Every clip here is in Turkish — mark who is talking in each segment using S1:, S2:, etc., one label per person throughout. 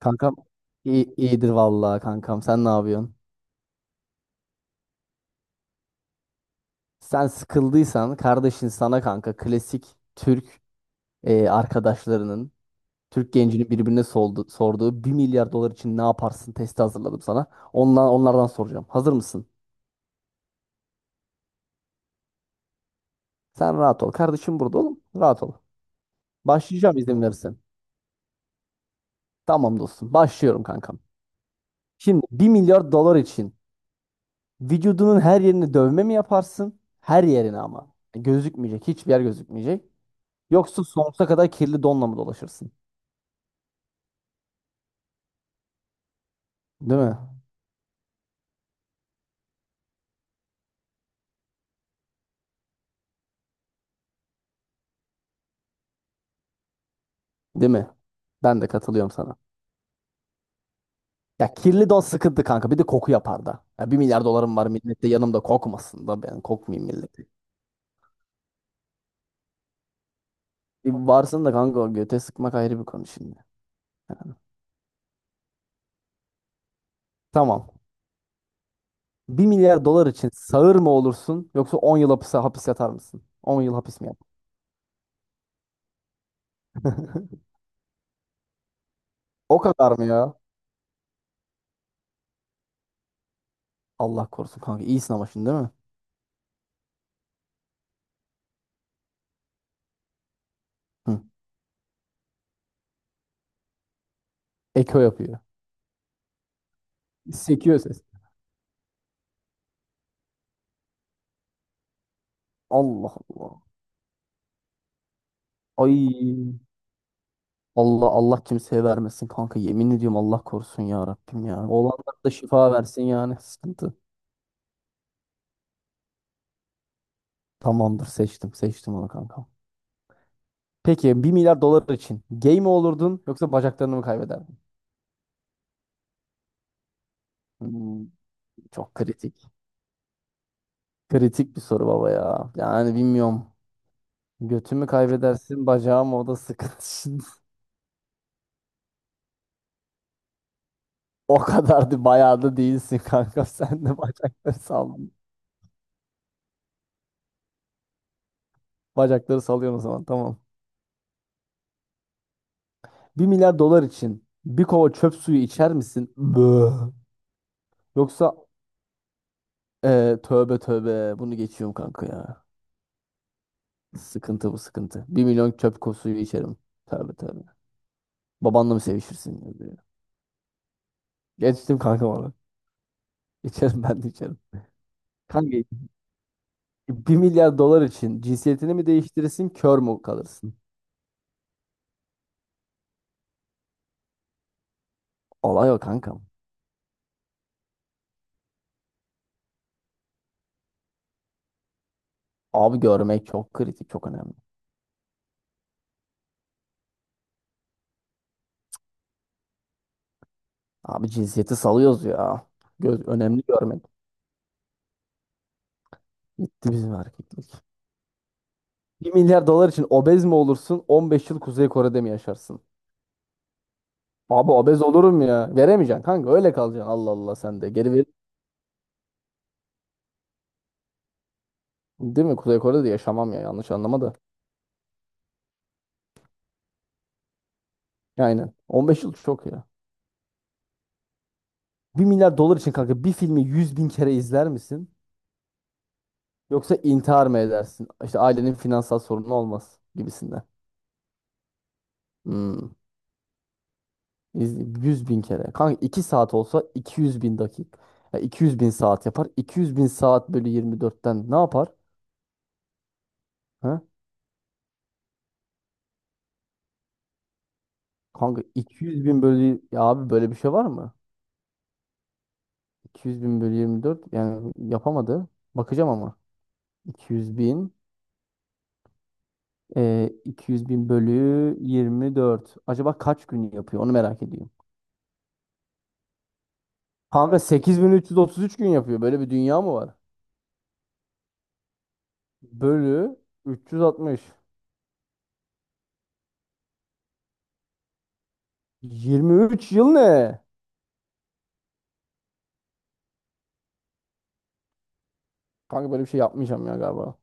S1: Kankam iyi, iyidir vallahi kankam. Sen ne yapıyorsun? Sen sıkıldıysan kardeşin sana kanka klasik Türk arkadaşlarının Türk gencinin sorduğu bir milyar dolar için ne yaparsın testi hazırladım sana. Onlardan soracağım. Hazır mısın? Sen rahat ol. Kardeşim burada oğlum. Rahat ol. Başlayacağım izin verirsen. Tamam dostum. Başlıyorum kankam. Şimdi bir milyar dolar için vücudunun her yerini dövme mi yaparsın? Her yerine ama. Gözükmeyecek. Hiçbir yer gözükmeyecek. Yoksa sonsuza kadar kirli donla mı dolaşırsın? Değil mi? Değil mi? Ben de katılıyorum sana. Ya kirli don sıkıntı kanka. Bir de koku yapar da. Ya bir milyar dolarım var millette yanımda kokmasın da ben kokmayayım milleti. Bir varsın da kanka o göte sıkmak ayrı bir konu şimdi. Tamam. Bir milyar dolar için sağır mı olursun yoksa 10 yıl hapis yatar mısın? 10 yıl hapis mi yat? O kadar mı ya? Allah korusun kanka. İyisin ama şimdi değil mi? Hı. Eko yapıyor. Sekiyor ses. Allah Allah. Ay. Allah Allah kimseye vermesin kanka. Yemin ediyorum Allah korusun ya Rabbim ya. Olanlar da şifa versin yani. Sıkıntı. Tamamdır seçtim. Seçtim onu kanka. Peki bir milyar dolar için gay mi olurdun yoksa bacaklarını mı kaybederdin? Hmm, çok kritik. Kritik bir soru baba ya. Yani bilmiyorum. Götümü kaybedersin bacağım o da sıkıntı şimdi. O kadar da bayağı da değilsin kanka. Sen de bacakları sal. Bacakları sallıyorsun o zaman tamam. Bir milyar dolar için bir kova çöp suyu içer misin? Bö. Yoksa tövbe tövbe bunu geçiyorum kanka ya. Sıkıntı bu sıkıntı. Bir milyon suyu içerim. Tövbe tövbe. Babanla mı sevişirsin ya diyor. Geçtim kanka bana. İçerim ben de içerim. Kanka bir milyar dolar için cinsiyetini mi değiştirirsin kör mü kalırsın? Olay o kankam. Abi görmek çok kritik çok önemli. Abi cinsiyeti salıyoruz ya. Göz, önemli görmek. Gitti bizim erkeklik. Bir milyar dolar için obez mi olursun 15 yıl Kuzey Kore'de mi yaşarsın? Abi obez olurum ya. Veremeyeceksin kanka öyle kalacaksın. Allah Allah sen de. Geri ver. Değil mi? Kuzey Kore'de de yaşamam ya yanlış anlama da. Ya aynen. 15 yıl çok ya. Bir milyar dolar için kanka bir filmi 100 bin kere izler misin? Yoksa intihar mı edersin? İşte ailenin finansal sorunu olmaz gibisinden. Hmm. 100 bin kere. Kanka 2 saat olsa 200 bin dakika. Ya 200 bin saat yapar. 200 bin saat bölü 24'ten ne yapar? Ha? Kanka 200 bin bölü... Ya abi böyle bir şey var mı? 200 bin bölü 24 yani yapamadı. Bakacağım ama. 200 bin. 200 bin bölü 24. Acaba kaç gün yapıyor? Onu merak ediyorum. Kanka 8333 gün yapıyor. Böyle bir dünya mı var? Bölü 360. 23 yıl ne? Kanka böyle bir şey yapmayacağım ya galiba.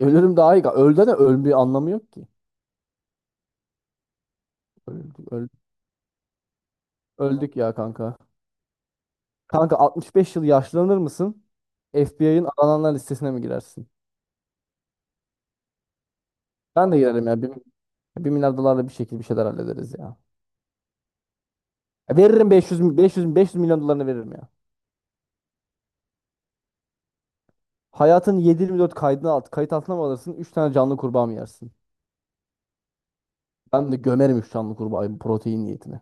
S1: Ölürüm daha iyi. Öldü de öl bir anlamı yok ki. Öldük, öl- Öldük ya kanka. Kanka 65 yıl yaşlanır mısın? FBI'ın arananlar listesine mi girersin? Ben de girerim ya. Bir milyar dolarla bir şekilde bir şeyler hallederiz ya. Ya veririm 500 milyon dolarını veririm ya. Hayatın 7/24 kaydına alt kayıt altına mı alırsın? 3 tane canlı kurbağa mı yersin? Ben de gömerim 3 canlı kurbağayı protein niyetine.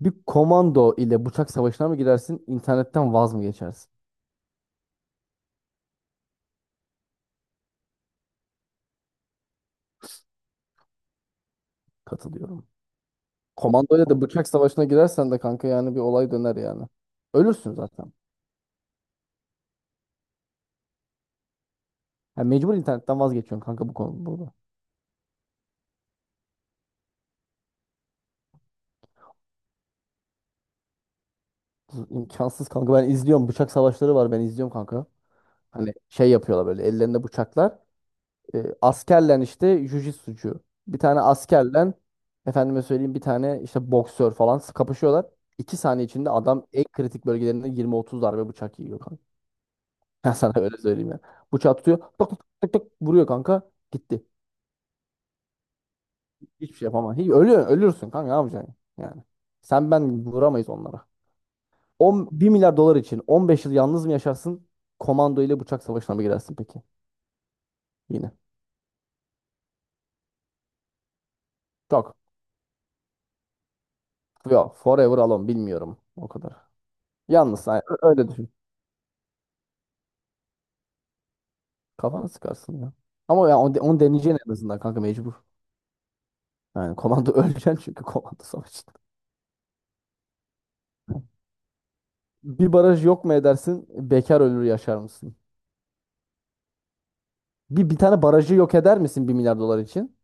S1: Bir komando ile bıçak savaşına mı girersin? İnternetten vaz mı geçersin? Katılıyorum. Komando ile de bıçak savaşına girersen de kanka yani bir olay döner yani. Ölürsün zaten. Ya mecbur internetten vazgeçiyorsun kanka bu konu burada. İmkansız kanka ben izliyorum. Bıçak savaşları var ben izliyorum kanka. Hani şey yapıyorlar böyle ellerinde bıçaklar. Askerlen işte jujitsucu. Bir tane askerlen efendime söyleyeyim bir tane işte boksör falan kapışıyorlar. İki saniye içinde adam en kritik bölgelerinde 20-30 darbe bıçak yiyor kanka. Ben sana öyle söyleyeyim ya. Bıçağı tutuyor. Tık tık tık tık vuruyor kanka. Gitti. Hiçbir şey yapamam. Ölürsün kanka ne yapacaksın yani. Sen ben vuramayız onlara. 1 milyar dolar için 15 yıl yalnız mı yaşarsın? Komando ile bıçak savaşına mı girersin peki? Yine. Çok. Yok. Forever alone. Bilmiyorum. O kadar. Yalnız. Öyle düşün. Kafanı sıkarsın ya. Ama ya onu deneyeceksin en azından kanka mecbur. Yani komando öleceksin çünkü komando savaşında. Bir baraj yok mu edersin? Bekar ölür yaşar mısın? Bir tane barajı yok eder misin bir milyar dolar için?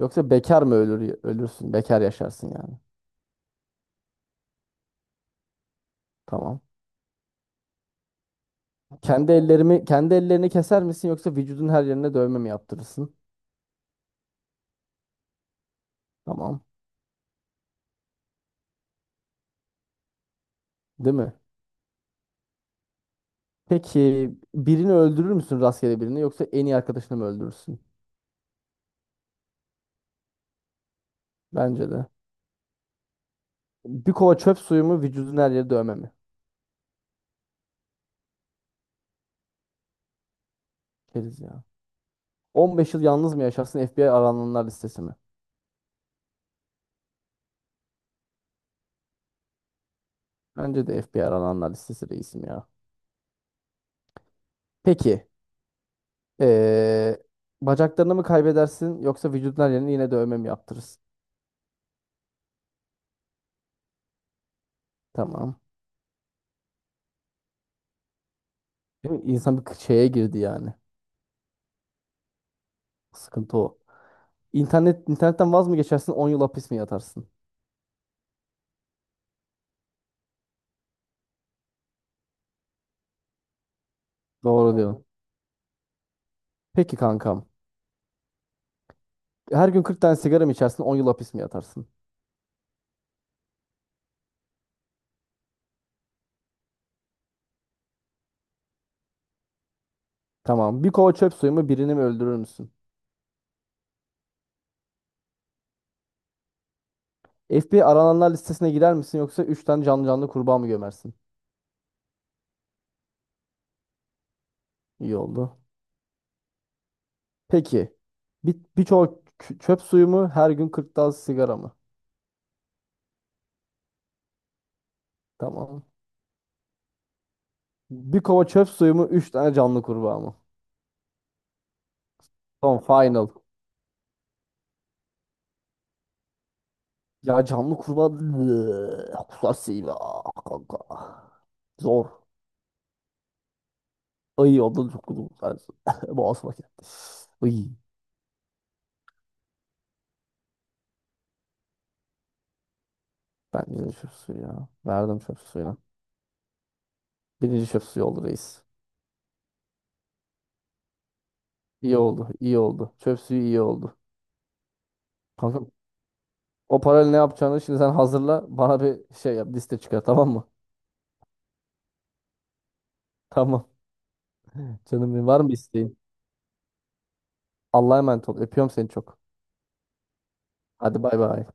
S1: Yoksa bekar mı ölür ölürsün? Bekar yaşarsın yani. Tamam. Kendi ellerimi kendi ellerini keser misin yoksa vücudun her yerine dövme mi yaptırırsın? Tamam. Değil mi? Peki birini öldürür müsün rastgele birini yoksa en iyi arkadaşını mı öldürürsün? Bence de. Bir kova çöp suyu mu vücudun her yeri dövme mi? Keriz ya. 15 yıl yalnız mı yaşarsın FBI arananlar listesi mi? Bence de FBI arananlar listesi reisim ya. Peki. eee, bacaklarını mı kaybedersin yoksa vücudundan yerini yine dövme mi yaptırırsın? Tamam. Değil mi? İnsan bir şeye girdi yani. Sıkıntı o. İnternetten vaz mı geçersin 10 yıl hapis mi yatarsın? Doğru diyorsun. Peki kankam. Her gün 40 tane sigara mı içersin 10 yıl hapis mi yatarsın? Tamam. Bir kova çöp suyu mu birini mi öldürür müsün? FBI arananlar listesine girer misin yoksa 3 tane canlı canlı kurbağa mı gömersin? İyi oldu. Peki. Bir çöp suyu mu? Her gün 40 tane sigara mı? Tamam. Bir kova çöp suyu mu? Üç tane canlı kurbağa mı? Tamam final. Ya canlı kurbağa kusasıyla kanka. Zor. Ay ondan çok kudum sensin. Boğazıma geldi. Ay. Ben birinci çöp suyu ya. Verdim çöp suyuna. Birinci çöp suyu oldu reis. İyi oldu. İyi oldu. Çöp suyu iyi oldu. Kanka o parayla ne yapacağını şimdi sen hazırla. Bana bir şey yap. Liste çıkar tamam mı? Tamam. Canım benim var mı isteğin? Allah'a emanet ol. Öpüyorum seni çok. Hadi bay bay.